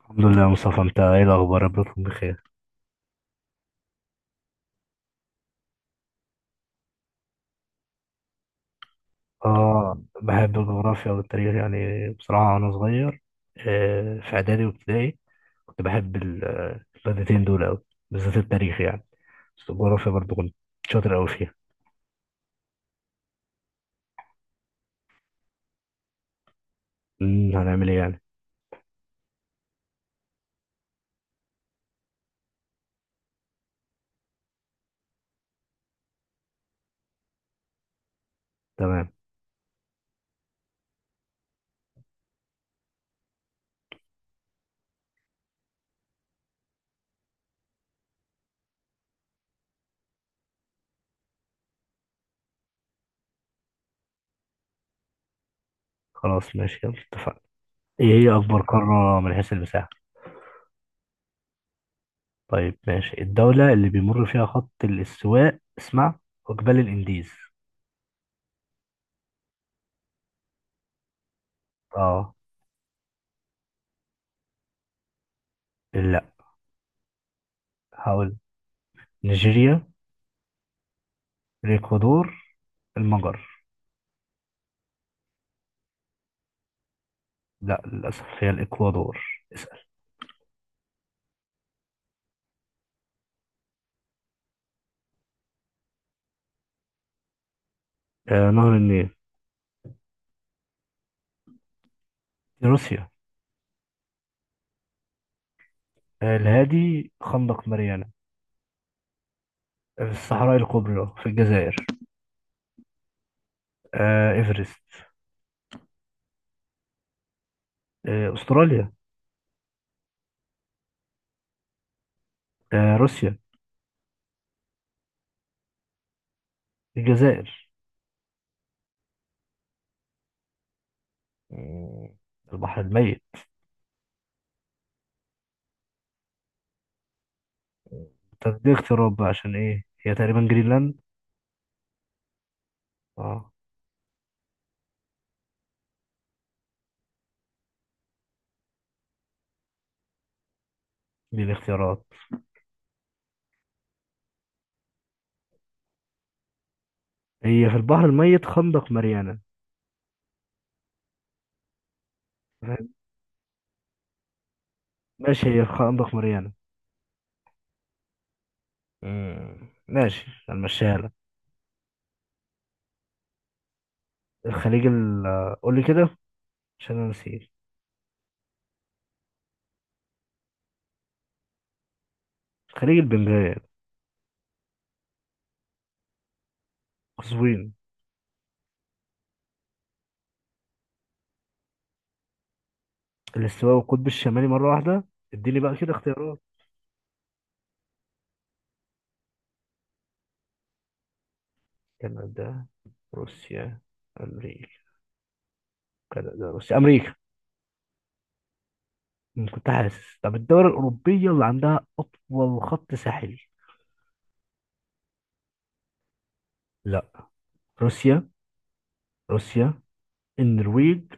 الحمد لله يا مصطفى، انت ايه الاخبار؟ ربكم بخير. اه، بحب الجغرافيا والتاريخ يعني بصراحه وانا صغير. آه، في اعدادي وابتدائي كنت بحب المادتين دول قوي، بالذات التاريخ يعني. بس الجغرافيا برضو كنت شاطر قوي فيها. هنعمل ايه يعني؟ تمام. خلاص ماشي، يلا اتفقنا. ايه هي اكبر قاره من حيث المساحه؟ طيب ماشي. الدوله اللي بيمر فيها خط الاستواء، اسمع، وجبال الانديز. اه. لا. هقول نيجيريا، الاكوادور، المجر. لا للأسف، هي الإكوادور. اسأل. آه نهر النيل. في روسيا. آه الهادي، خندق ماريانا. آه، في الصحراء الكبرى في الجزائر. آه إيفرست. آه أستراليا. آه روسيا. الجزائر. مم، البحر الميت. طب دي اختيارات بقى، عشان إيه، هي تقريبا جرينلاند. اه. دي الاختيارات. هي في البحر الميت، خندق ماريانا. فاهم؟ ماشي، هي في خندق ماريانا. ماشي، هنمشيها لك. الخليج قول لي كده، عشان أنا نسيت. الخليج البنغالي. قزوين. الاستواء والقطب الشمالي مرة واحدة؟ اديني بقى كده اختيارات. كندا، روسيا، أمريكا. كندا روسيا أمريكا. كنت حاسس. طب الدول الأوروبية اللي عندها أطول خط ساحلي؟ لا. روسيا. روسيا، النرويج،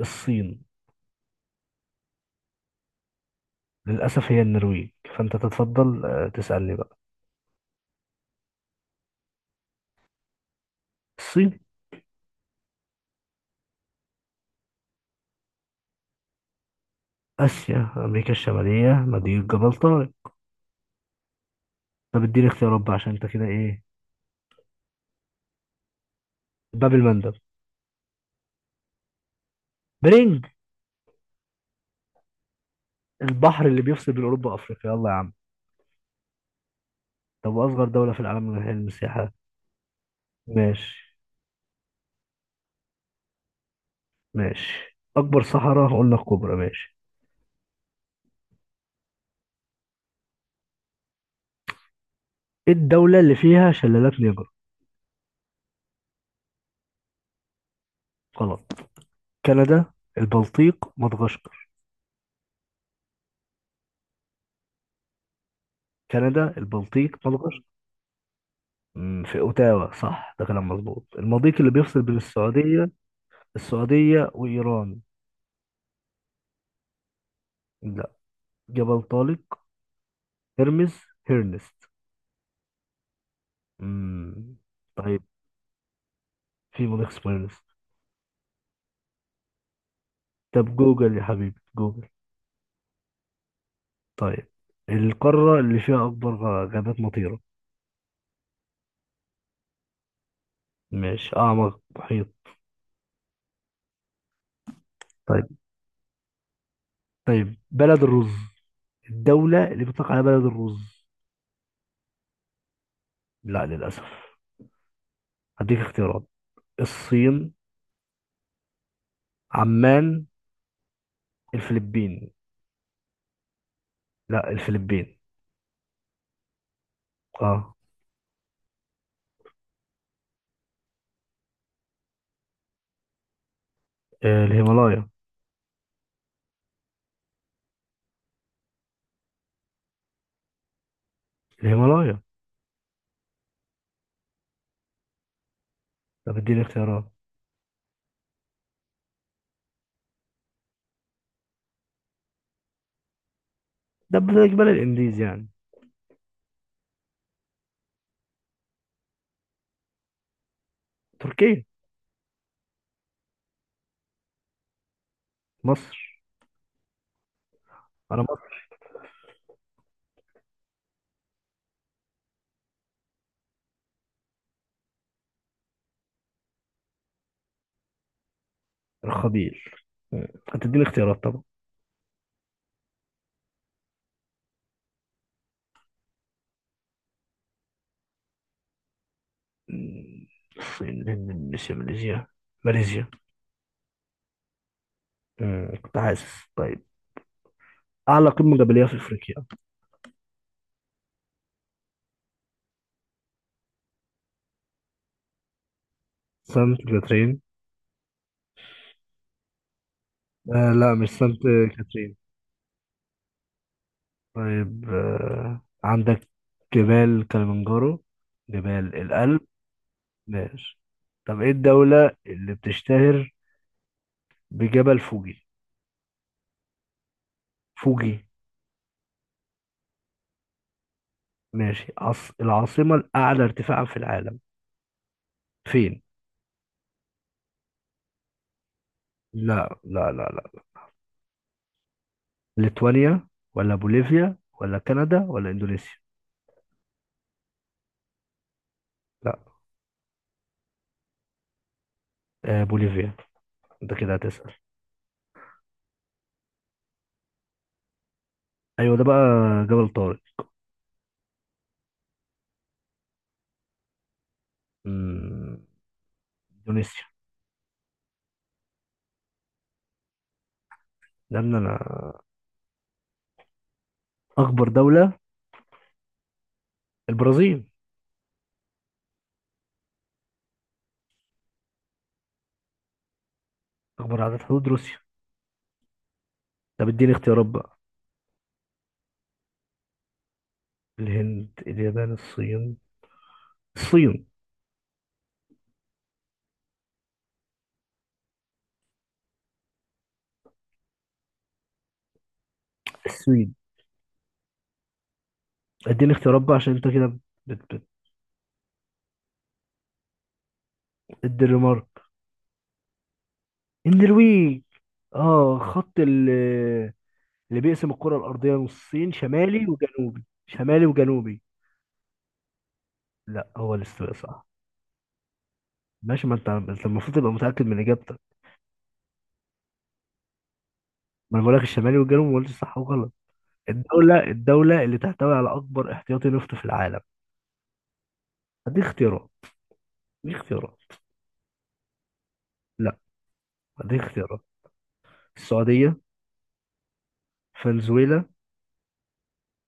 الصين. للأسف هي النرويج. فأنت تتفضل، تسألني بقى. الصين. آسيا أمريكا الشمالية، مضيق جبل طارق. طب اديني اختيارات بقى، عشان انت كده ايه. باب المندب. برينج. البحر اللي بيفصل بين أوروبا وأفريقيا، يلا يا عم. طب أصغر دولة في العالم من حيث المساحة؟ ماشي. ماشي، أكبر صحراء هقول لك كبرى. ماشي. إيه الدولة اللي فيها شلالات نيجر؟ غلط. كندا، البلطيق، مدغشقر. كندا البلطيق مدغشقر. في أوتاوا صح، ده كلام مظبوط. المضيق اللي بيفصل بين السعودية، السعودية وإيران. لا. جبل طارق. هرمز. هيرنست. أمم، طيب، في مضيق اسمه هيرنست. طب جوجل يا حبيبي، جوجل. طيب، القارة اللي فيها أكبر غابات مطيرة؟ ماشي، أعمق محيط؟ طيب. طيب، بلد الرز، الدولة اللي بيطلق عليها بلد الرز؟ لا للأسف. هديك اختيارات. الصين. عمان. الفلبين. لا، الفلبين. اه. آه، الهيمالايا. الهيمالايا. طب اديني اختيارات. ده جبال الانديز يعني. تركيا. مصر. انا مصر. الخبيل. مم. هتديني اختيارات طبعا. مم. الصين الهند اندونيسيا ماليزيا. ماليزيا. كنت حاسس. طيب، اعلى قمة جبلية في افريقيا؟ سانت كاترين. آه، لا مش سانت كاترين. طيب، عندك جبال كلمنجارو، جبال الألب. ماشي. طب ايه الدولة اللي بتشتهر بجبل فوجي؟ فوجي. ماشي. العاصمة الأعلى ارتفاعا في العالم؟ فين. لا لا لا لا. ليتوانيا، ولا بوليفيا، ولا كندا، ولا إندونيسيا. لا. آه بوليفيا. انت كده هتسأل. ايوه ده بقى، جبل طارق. مم، إندونيسيا. لأن أنا. أكبر دولة. البرازيل. أكبر عدد حدود، روسيا. طب اديني اختيارات بقى. الهند اليابان الصين. الصين. السويد. اديني اختيارات بقى عشان انت كده. بت- بت- الدنمارك. النرويج. اه، خط اللي بيقسم الكرة الأرضية نصين شمالي وجنوبي، شمالي وجنوبي. لا، هو الاستواء صح. ماشي، ما انت المفروض تبقى متأكد من إجابتك. ما انا بقول لك الشمالي والجنوبي، ما قلتش صح وغلط. الدولة اللي تحتوي على أكبر احتياطي نفط في العالم؟ هديك اختيارات. هديك اختيارات. لا. هديك اختيارات. السعودية. فنزويلا.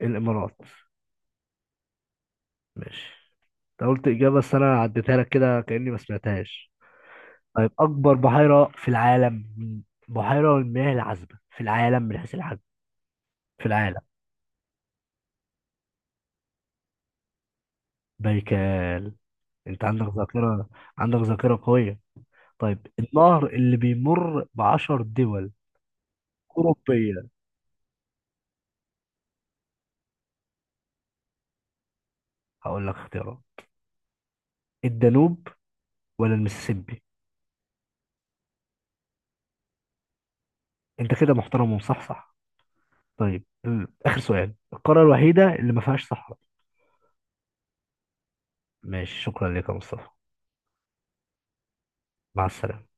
الامارات. ماشي. انت قلت اجابه بس انا عديتها لك كده كاني ما سمعتهاش. طيب اكبر بحيره في العالم، بحيره المياه العذبه في العالم من حيث الحجم. في العالم. بايكال. انت عندك ذاكره، عندك ذاكره قويه. طيب النهر اللي بيمر ب10 دول اوروبيه. هقول لك اختيارات. الدانوب ولا المسيسيبي. انت كده محترم ومصحصح. طيب، اخر سؤال، القاره الوحيده اللي ما فيهاش صحراء؟ ماشي، شكرا لك يا مصطفى. مع السلامة.